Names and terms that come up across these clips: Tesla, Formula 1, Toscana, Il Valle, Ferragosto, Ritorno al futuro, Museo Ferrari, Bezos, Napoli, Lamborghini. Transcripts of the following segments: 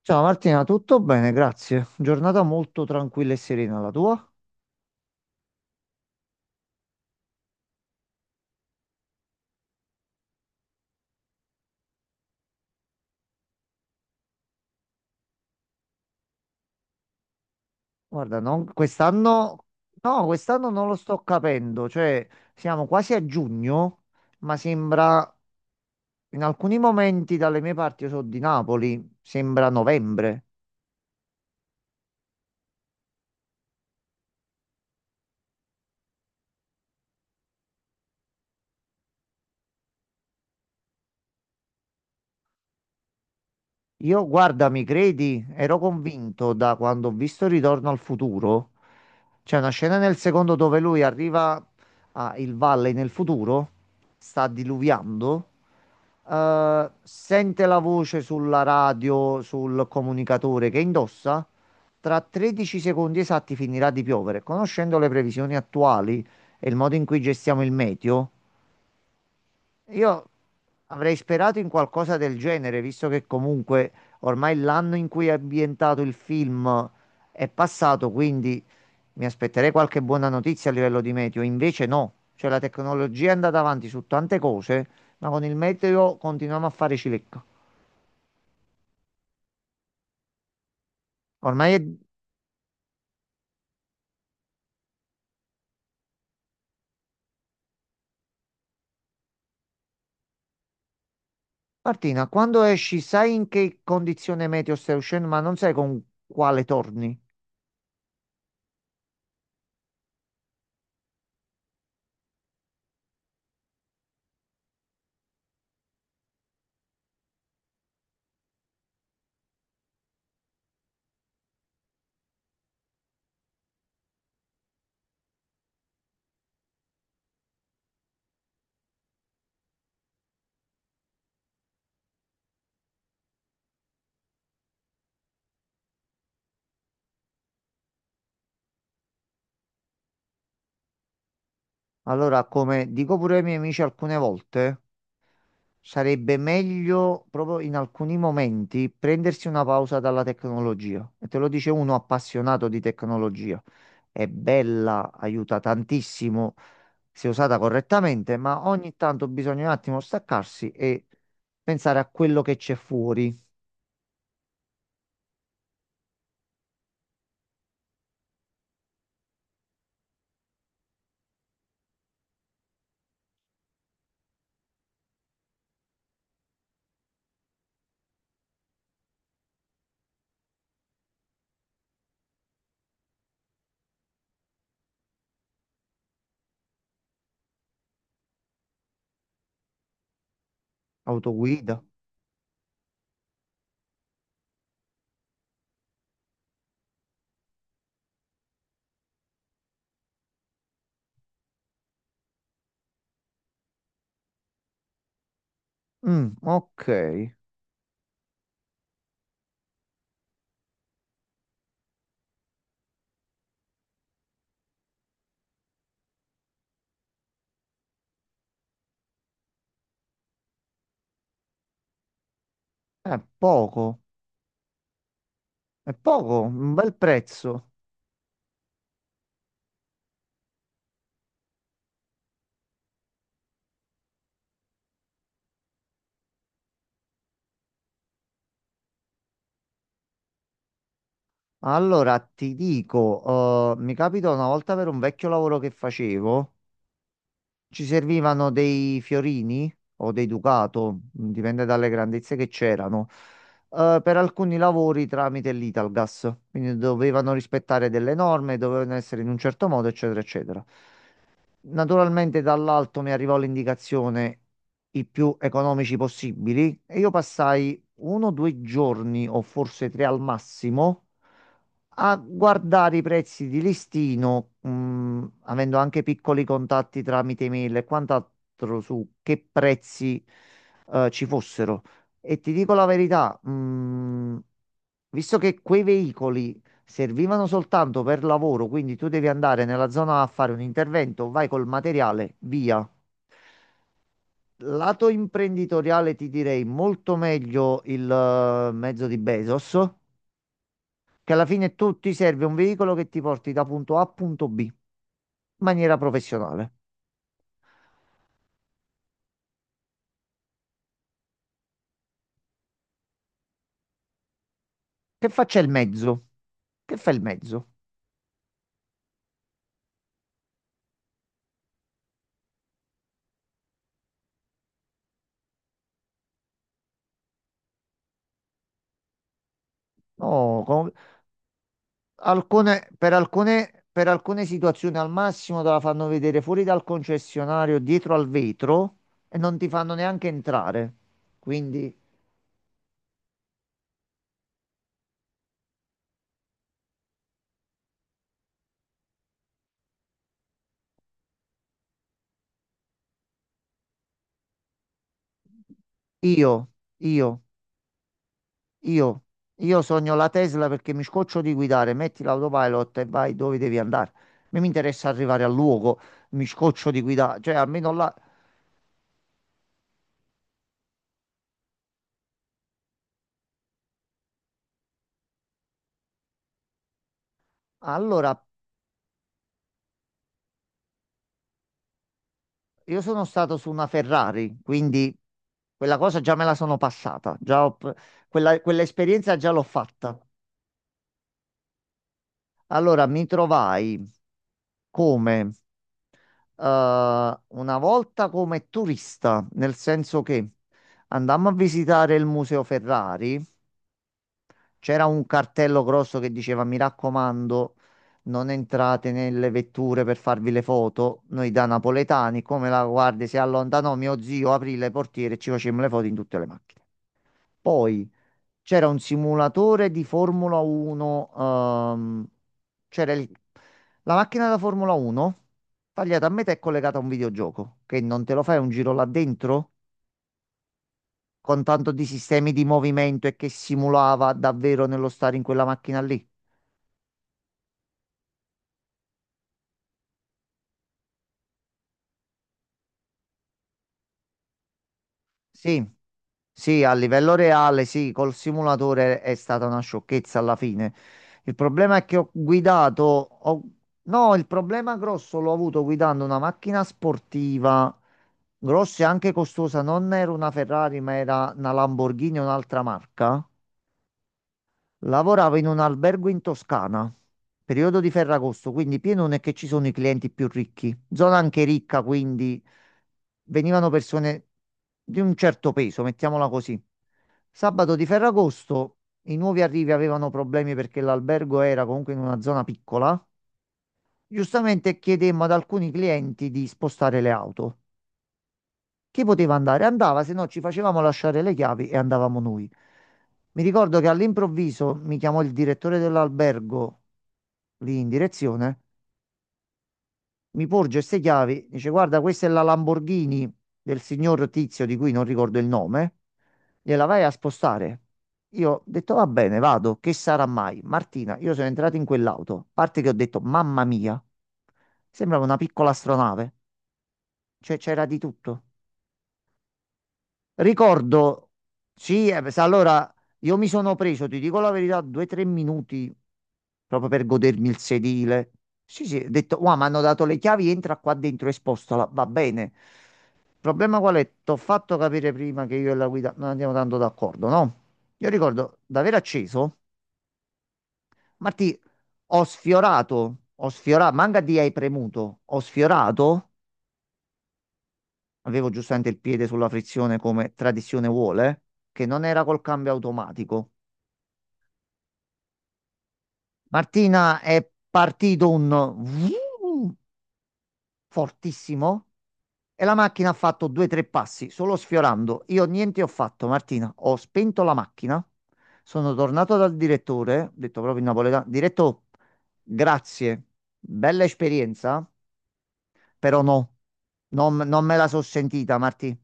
Ciao Martina, tutto bene, grazie. Giornata molto tranquilla e serena la tua? Guarda, quest'anno no, quest'anno non lo sto capendo, cioè siamo quasi a giugno, ma sembra in alcuni momenti dalle mie parti, io sono di Napoli, sembra novembre. Io, guarda, mi credi? Ero convinto da quando ho visto Ritorno al futuro. C'è una scena nel secondo dove lui arriva a Il Valle nel futuro, sta diluviando, sente la voce sulla radio, sul comunicatore che indossa. Tra 13 secondi esatti finirà di piovere. Conoscendo le previsioni attuali e il modo in cui gestiamo il meteo. Io avrei sperato in qualcosa del genere, visto che comunque ormai l'anno in cui è ambientato il film è passato, quindi mi aspetterei qualche buona notizia a livello di meteo. Invece no, cioè la tecnologia è andata avanti su tante cose, ma con il meteo continuiamo a fare cilecca. Ormai è... Martina, quando esci sai in che condizione meteo stai uscendo, ma non sai con quale torni. Allora, come dico pure ai miei amici alcune volte, sarebbe meglio proprio in alcuni momenti prendersi una pausa dalla tecnologia. E te lo dice uno appassionato di tecnologia. È bella, aiuta tantissimo se usata correttamente, ma ogni tanto bisogna un attimo staccarsi e pensare a quello che c'è fuori. Autoguida. Mm, ok, è poco, è poco, un bel prezzo. Allora ti dico, mi capita una volta per un vecchio lavoro che facevo. Ci servivano dei fiorini o dei Ducato, dipende dalle grandezze che c'erano, per alcuni lavori tramite l'Italgas. Quindi dovevano rispettare delle norme, dovevano essere in un certo modo, eccetera, eccetera. Naturalmente dall'alto mi arrivò l'indicazione i più economici possibili e io passai uno o due giorni o forse tre al massimo a guardare i prezzi di listino, avendo anche piccoli contatti tramite email e quant'altro su che prezzi ci fossero. E ti dico la verità, visto che quei veicoli servivano soltanto per lavoro, quindi tu devi andare nella zona a fare un intervento, vai col materiale, via. Lato imprenditoriale ti direi molto meglio il mezzo di Bezos, che alla fine tu ti serve un veicolo che ti porti da punto A a punto B in maniera professionale. Che faccia il mezzo? Che fa il mezzo? No, co- Alcune, per alcune situazioni al massimo te la fanno vedere fuori dal concessionario, dietro al vetro e non ti fanno neanche entrare. Quindi io, io, io, io sogno la Tesla perché mi scoccio di guidare, metti l'autopilot e vai dove devi andare. Non mi interessa arrivare al luogo, mi scoccio di guidare, cioè almeno là. Allora, io sono stato su una Ferrari, quindi quella cosa già me la sono passata, quell'esperienza già l'ho fatta. Allora, mi trovai come una volta come turista, nel senso che andammo a visitare il Museo Ferrari, c'era un cartello grosso che diceva: Mi raccomando, non entrate nelle vetture per farvi le foto. Noi da napoletani, come la guardia si allontanò, mio zio aprì le portiere e ci facemmo le foto in tutte le macchine. Poi c'era un simulatore di Formula 1, c'era il- la macchina da Formula 1 tagliata a metà e collegata a un videogioco, che non te lo fai un giro là dentro con tanto di sistemi di movimento e che simulava davvero nello stare in quella macchina lì. Sì, sì, a livello reale, sì, col simulatore è stata una sciocchezza alla fine. Il problema è che ho guidato, ho- no, il problema grosso l'ho avuto guidando una macchina sportiva, grossa e anche costosa, non era una Ferrari, ma era una Lamborghini, un'altra marca. Lavoravo in un albergo in Toscana, periodo di Ferragosto, quindi pieno non è che ci sono i clienti più ricchi, zona anche ricca, quindi venivano persone di un certo peso, mettiamola così. Sabato di Ferragosto i nuovi arrivi avevano problemi perché l'albergo era comunque in una zona piccola. Giustamente chiedemmo ad alcuni clienti di spostare le auto. Chi poteva andare? Andava, se no ci facevamo lasciare le chiavi e andavamo noi. Mi ricordo che all'improvviso mi chiamò il direttore dell'albergo lì in direzione, mi porge queste chiavi, dice guarda, questa è la Lamborghini del signor Tizio di cui non ricordo il nome, gliela vai a spostare. Io ho detto va bene, vado, che sarà mai? Martina, io sono entrato in quell'auto, a parte che ho detto mamma mia, sembrava una piccola astronave, cioè c'era di tutto. Ricordo, sì, sa, allora io mi sono preso, ti dico la verità, due o tre minuti proprio per godermi il sedile. Sì, sì, ho detto, wow, mi hanno dato le chiavi, entra qua dentro e spostala, va bene. Il problema qual è? T'ho fatto capire prima che io e la guida non andiamo tanto d'accordo, no? Io ricordo d'aver acceso, Martì, manca di hai premuto, ho sfiorato, avevo giustamente il piede sulla frizione come tradizione vuole, che non era col cambio automatico. Martina è partito un vroom fortissimo e la macchina ha fatto due o tre passi, solo sfiorando. Io niente ho fatto, Martina. Ho spento la macchina. Sono tornato dal direttore, ho detto proprio in napoletano, diretto, grazie, bella esperienza, però no, non me la so sentita, Martina.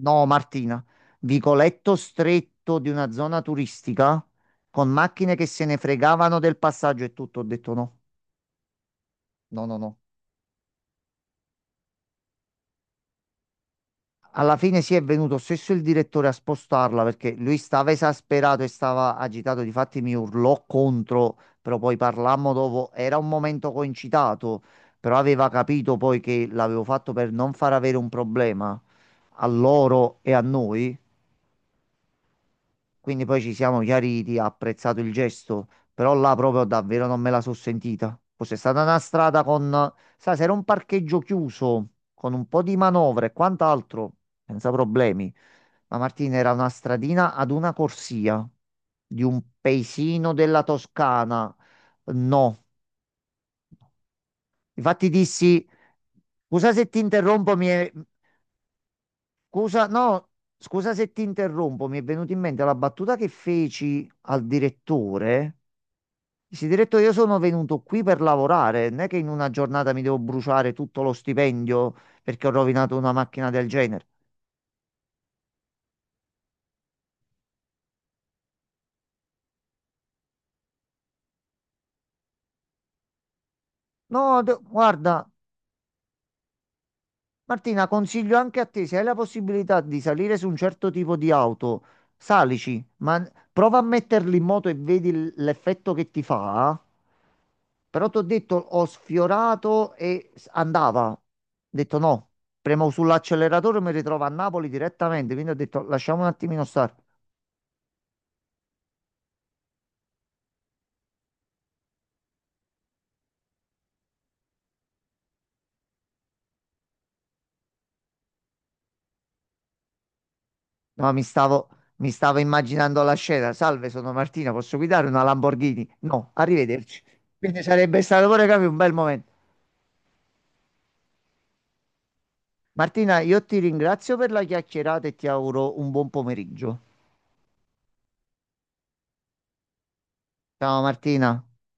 No, Martina, vicoletto stretto di una zona turistica con macchine che se ne fregavano del passaggio e tutto, ho detto no. No, no, no. Alla fine si è venuto stesso il direttore a spostarla perché lui stava esasperato e stava agitato. Difatti mi urlò contro, però poi parlammo dopo. Era un momento concitato, però aveva capito poi che l'avevo fatto per non far avere un problema a loro e a noi. Quindi poi ci siamo chiariti, ha apprezzato il gesto, però là proprio davvero non me la sono sentita. Fosse stata una strada con, sai, se era un parcheggio chiuso, con un po' di manovre e quant'altro, senza problemi. Ma Martina era una stradina ad una corsia di un paesino della Toscana. No. Infatti dissi, scusa se ti interrompo, mi è... Scusa, no, scusa se ti interrompo, mi è venuta in mente la battuta che feci al direttore. Dici, diretto, io sono venuto qui per lavorare, non è che in una giornata mi devo bruciare tutto lo stipendio perché ho rovinato una macchina del genere. No, d- guarda, Martina, consiglio anche a te, se hai la possibilità di salire su un certo tipo di auto, salici, ma prova a metterli in moto e vedi l'effetto che ti fa. Però ti ho detto, ho sfiorato e andava. Ho detto no, premo sull'acceleratore e mi ritrovo a Napoli direttamente, quindi ho detto lasciamo un attimino stare. No, mi stavo immaginando la scena. Salve, sono Martina, posso guidare una Lamborghini? No, arrivederci. Quindi sarebbe stato pure capi, un bel momento. Martina, io ti ringrazio per la chiacchierata e ti auguro un buon pomeriggio. Ciao Martina.